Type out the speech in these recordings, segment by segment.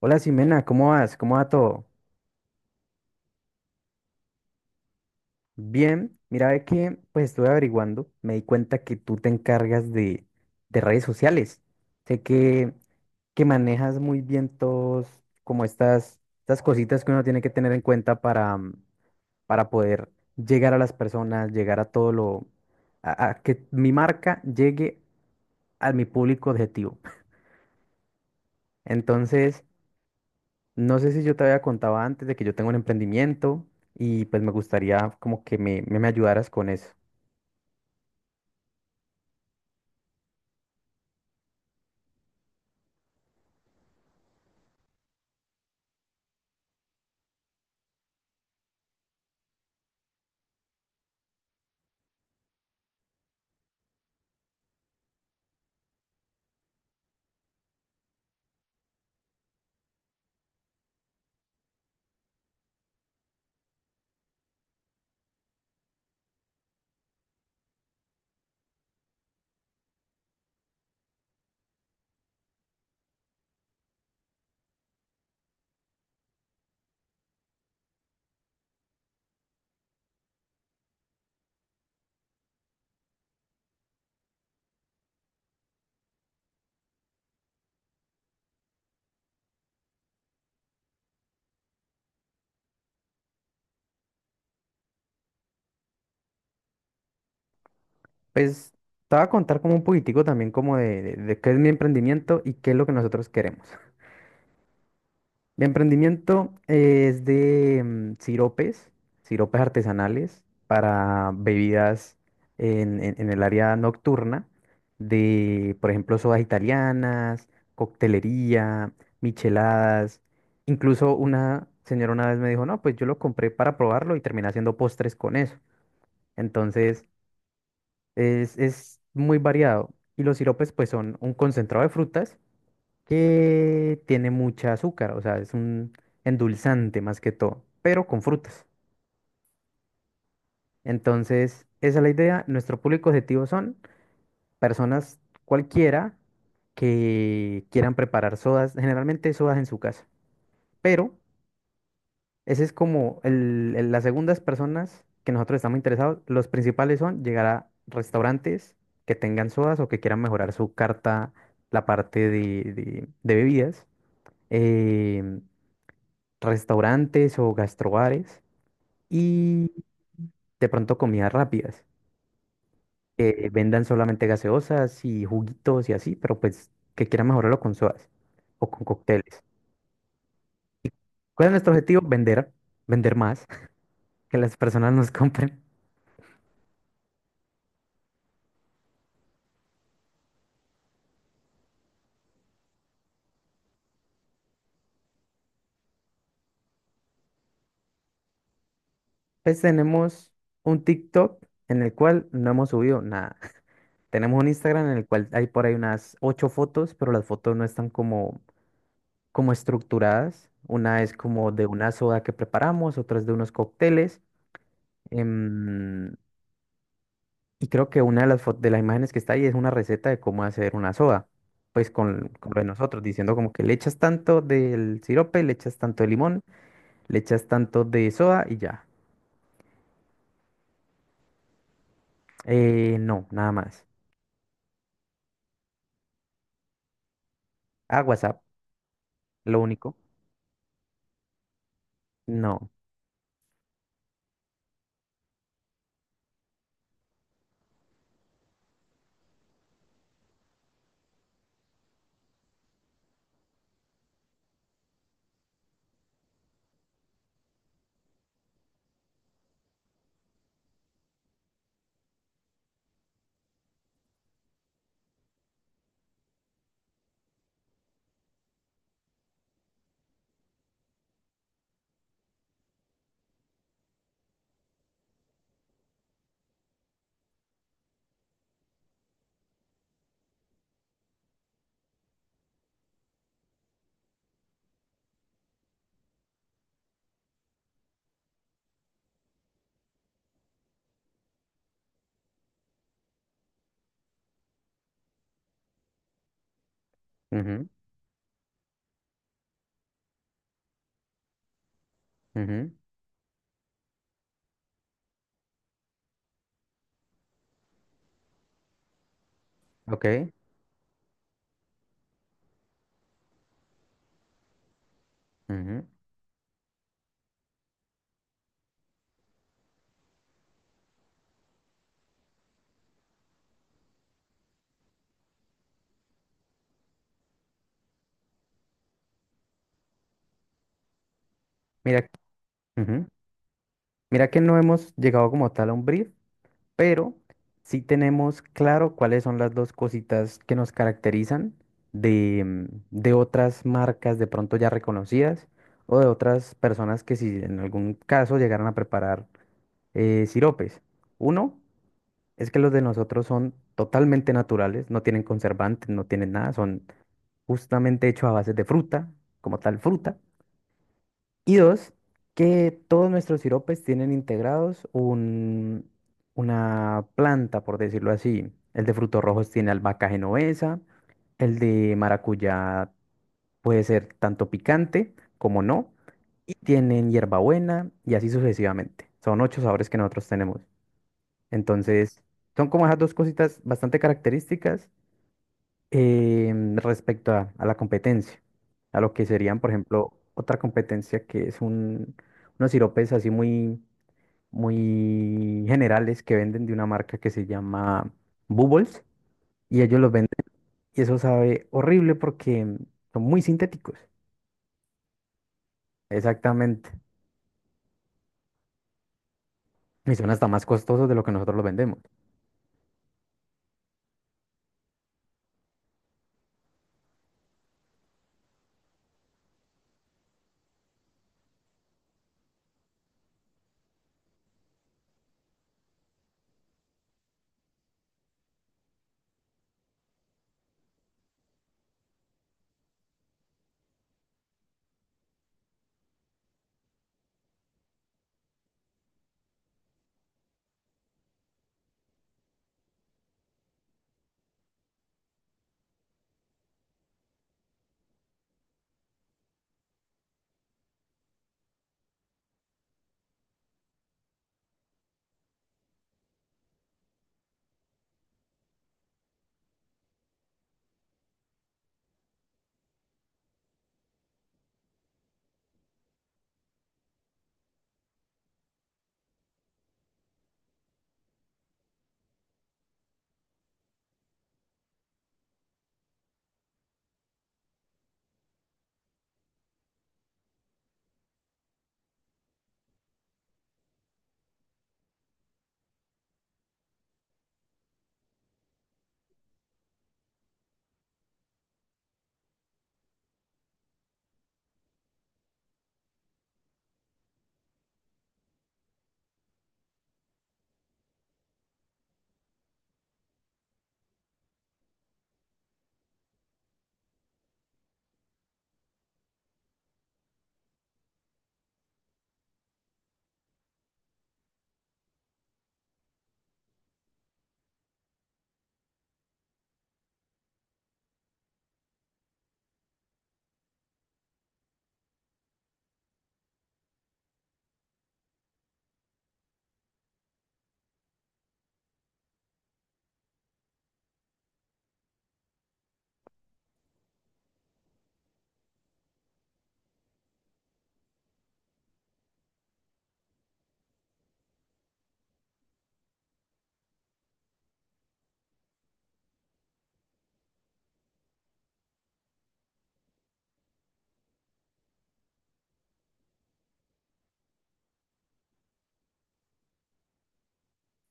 Hola Ximena, ¿cómo vas? ¿Cómo va todo? Bien, mira, ve que pues estuve averiguando, me di cuenta que tú te encargas de redes sociales. Sé que manejas muy bien todos como estas cositas que uno tiene que tener en cuenta para, para poder llegar a las personas, llegar a todo lo, a que mi marca llegue a mi público objetivo. Entonces, no sé si yo te había contado antes de que yo tengo un emprendimiento y pues me gustaría como que me ayudaras con eso. Pues te voy a contar como un poquitico también como de, de qué es mi emprendimiento y qué es lo que nosotros queremos. Mi emprendimiento es de siropes, siropes artesanales para bebidas en, en el área nocturna, de, por ejemplo, sodas italianas, coctelería, micheladas. Incluso una señora una vez me dijo, no, pues yo lo compré para probarlo y terminé haciendo postres con eso. Entonces, es muy variado. Y los siropes, pues, son un concentrado de frutas que tiene mucha azúcar, o sea, es un endulzante más que todo, pero con frutas. Entonces, esa es la idea. Nuestro público objetivo son personas cualquiera que quieran preparar sodas, generalmente sodas en su casa, pero ese es como las segundas personas que nosotros estamos interesados. Los principales son llegar a restaurantes que tengan sodas o que quieran mejorar su carta, la parte de, de bebidas. eh, restaurantes o gastrobares y de pronto comidas rápidas, que vendan solamente gaseosas y juguitos y así, pero pues que quieran mejorarlo con sodas o con cócteles. ¿Cuál es nuestro objetivo? Vender, vender más. Que las personas nos compren. Pues tenemos un TikTok en el cual no hemos subido nada. Tenemos un Instagram en el cual hay por ahí unas ocho fotos, pero las fotos no están como, como estructuradas. Una es como de una soda que preparamos, otra es de unos cócteles. Em, y creo que una de las, de las imágenes que está ahí es una receta de cómo hacer una soda, pues con lo de nosotros, diciendo como que le echas tanto del sirope, le echas tanto de limón, le echas tanto de soda y ya. No, nada más. Ah, WhatsApp, lo único. No. Ujú, ujú, ok. Ujú. Mira, ujú. Mira que no hemos llegado como tal a un brief, pero sí tenemos claro cuáles son las dos cositas que nos caracterizan de, de otras marcas de pronto ya reconocidas o de otras personas que si en algún caso llegaran a preparar siropes. Uno es que los de nosotros son totalmente naturales, no tienen conservantes, no tienen nada, son justamente hechos a base de fruta, como tal fruta. Y dos, que todos nuestros siropes tienen integrados un, una planta, por decirlo así. El de frutos rojos tiene albahaca genovesa, el de maracuyá puede ser tanto picante como no, y tienen hierbabuena y así sucesivamente. Son ocho sabores que nosotros tenemos. Entonces, son como esas dos cositas bastante características respecto a la competencia, a lo que serían, por ejemplo, otra competencia que es un, unos siropes así muy, muy generales que venden de una marca que se llama Bubbles y ellos los venden y eso sabe horrible porque son muy sintéticos, exactamente, y son hasta más costosos de lo que nosotros los vendemos,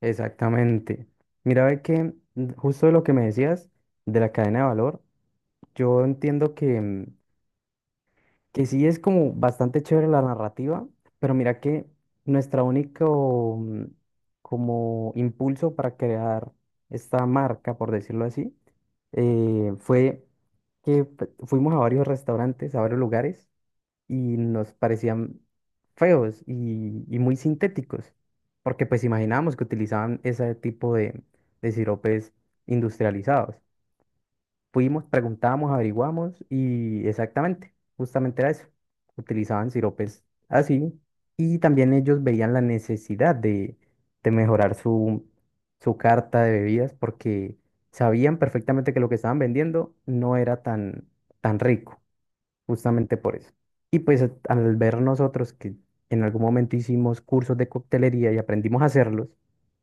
exactamente. Mira, ve que justo de lo que me decías de la cadena de valor, yo entiendo que que sí es como bastante chévere la narrativa, pero mira que nuestro único como impulso para crear esta marca, por decirlo así, fue que fuimos a varios restaurantes, a varios lugares, y nos parecían feos y muy sintéticos, porque pues imaginábamos que utilizaban ese tipo de siropes industrializados. Fuimos, preguntábamos, averiguamos y exactamente, justamente era eso. Utilizaban siropes así y también ellos veían la necesidad de mejorar su, su carta de bebidas porque sabían perfectamente que lo que estaban vendiendo no era tan, tan rico, justamente por eso. Y pues al ver nosotros que en algún momento hicimos cursos de coctelería y aprendimos a hacerlos,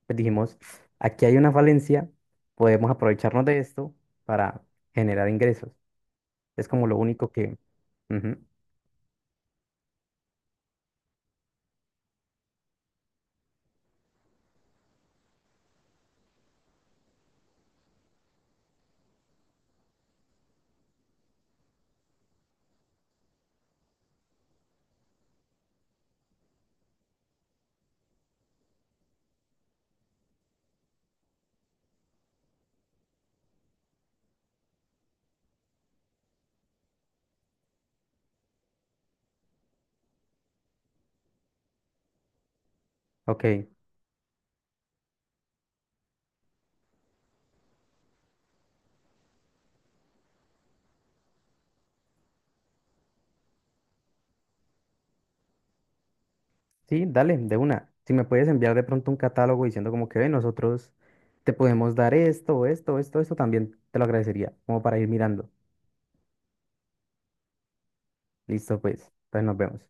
pues dijimos, aquí hay una falencia, podemos aprovecharnos de esto para generar ingresos. Es como lo único que... Ujú, ok, sí, dale, de una. Si me puedes enviar de pronto un catálogo diciendo como que "Ve, nosotros te podemos dar esto, esto, esto, esto, también te lo agradecería, como para ir mirando. Listo, pues, entonces nos vemos.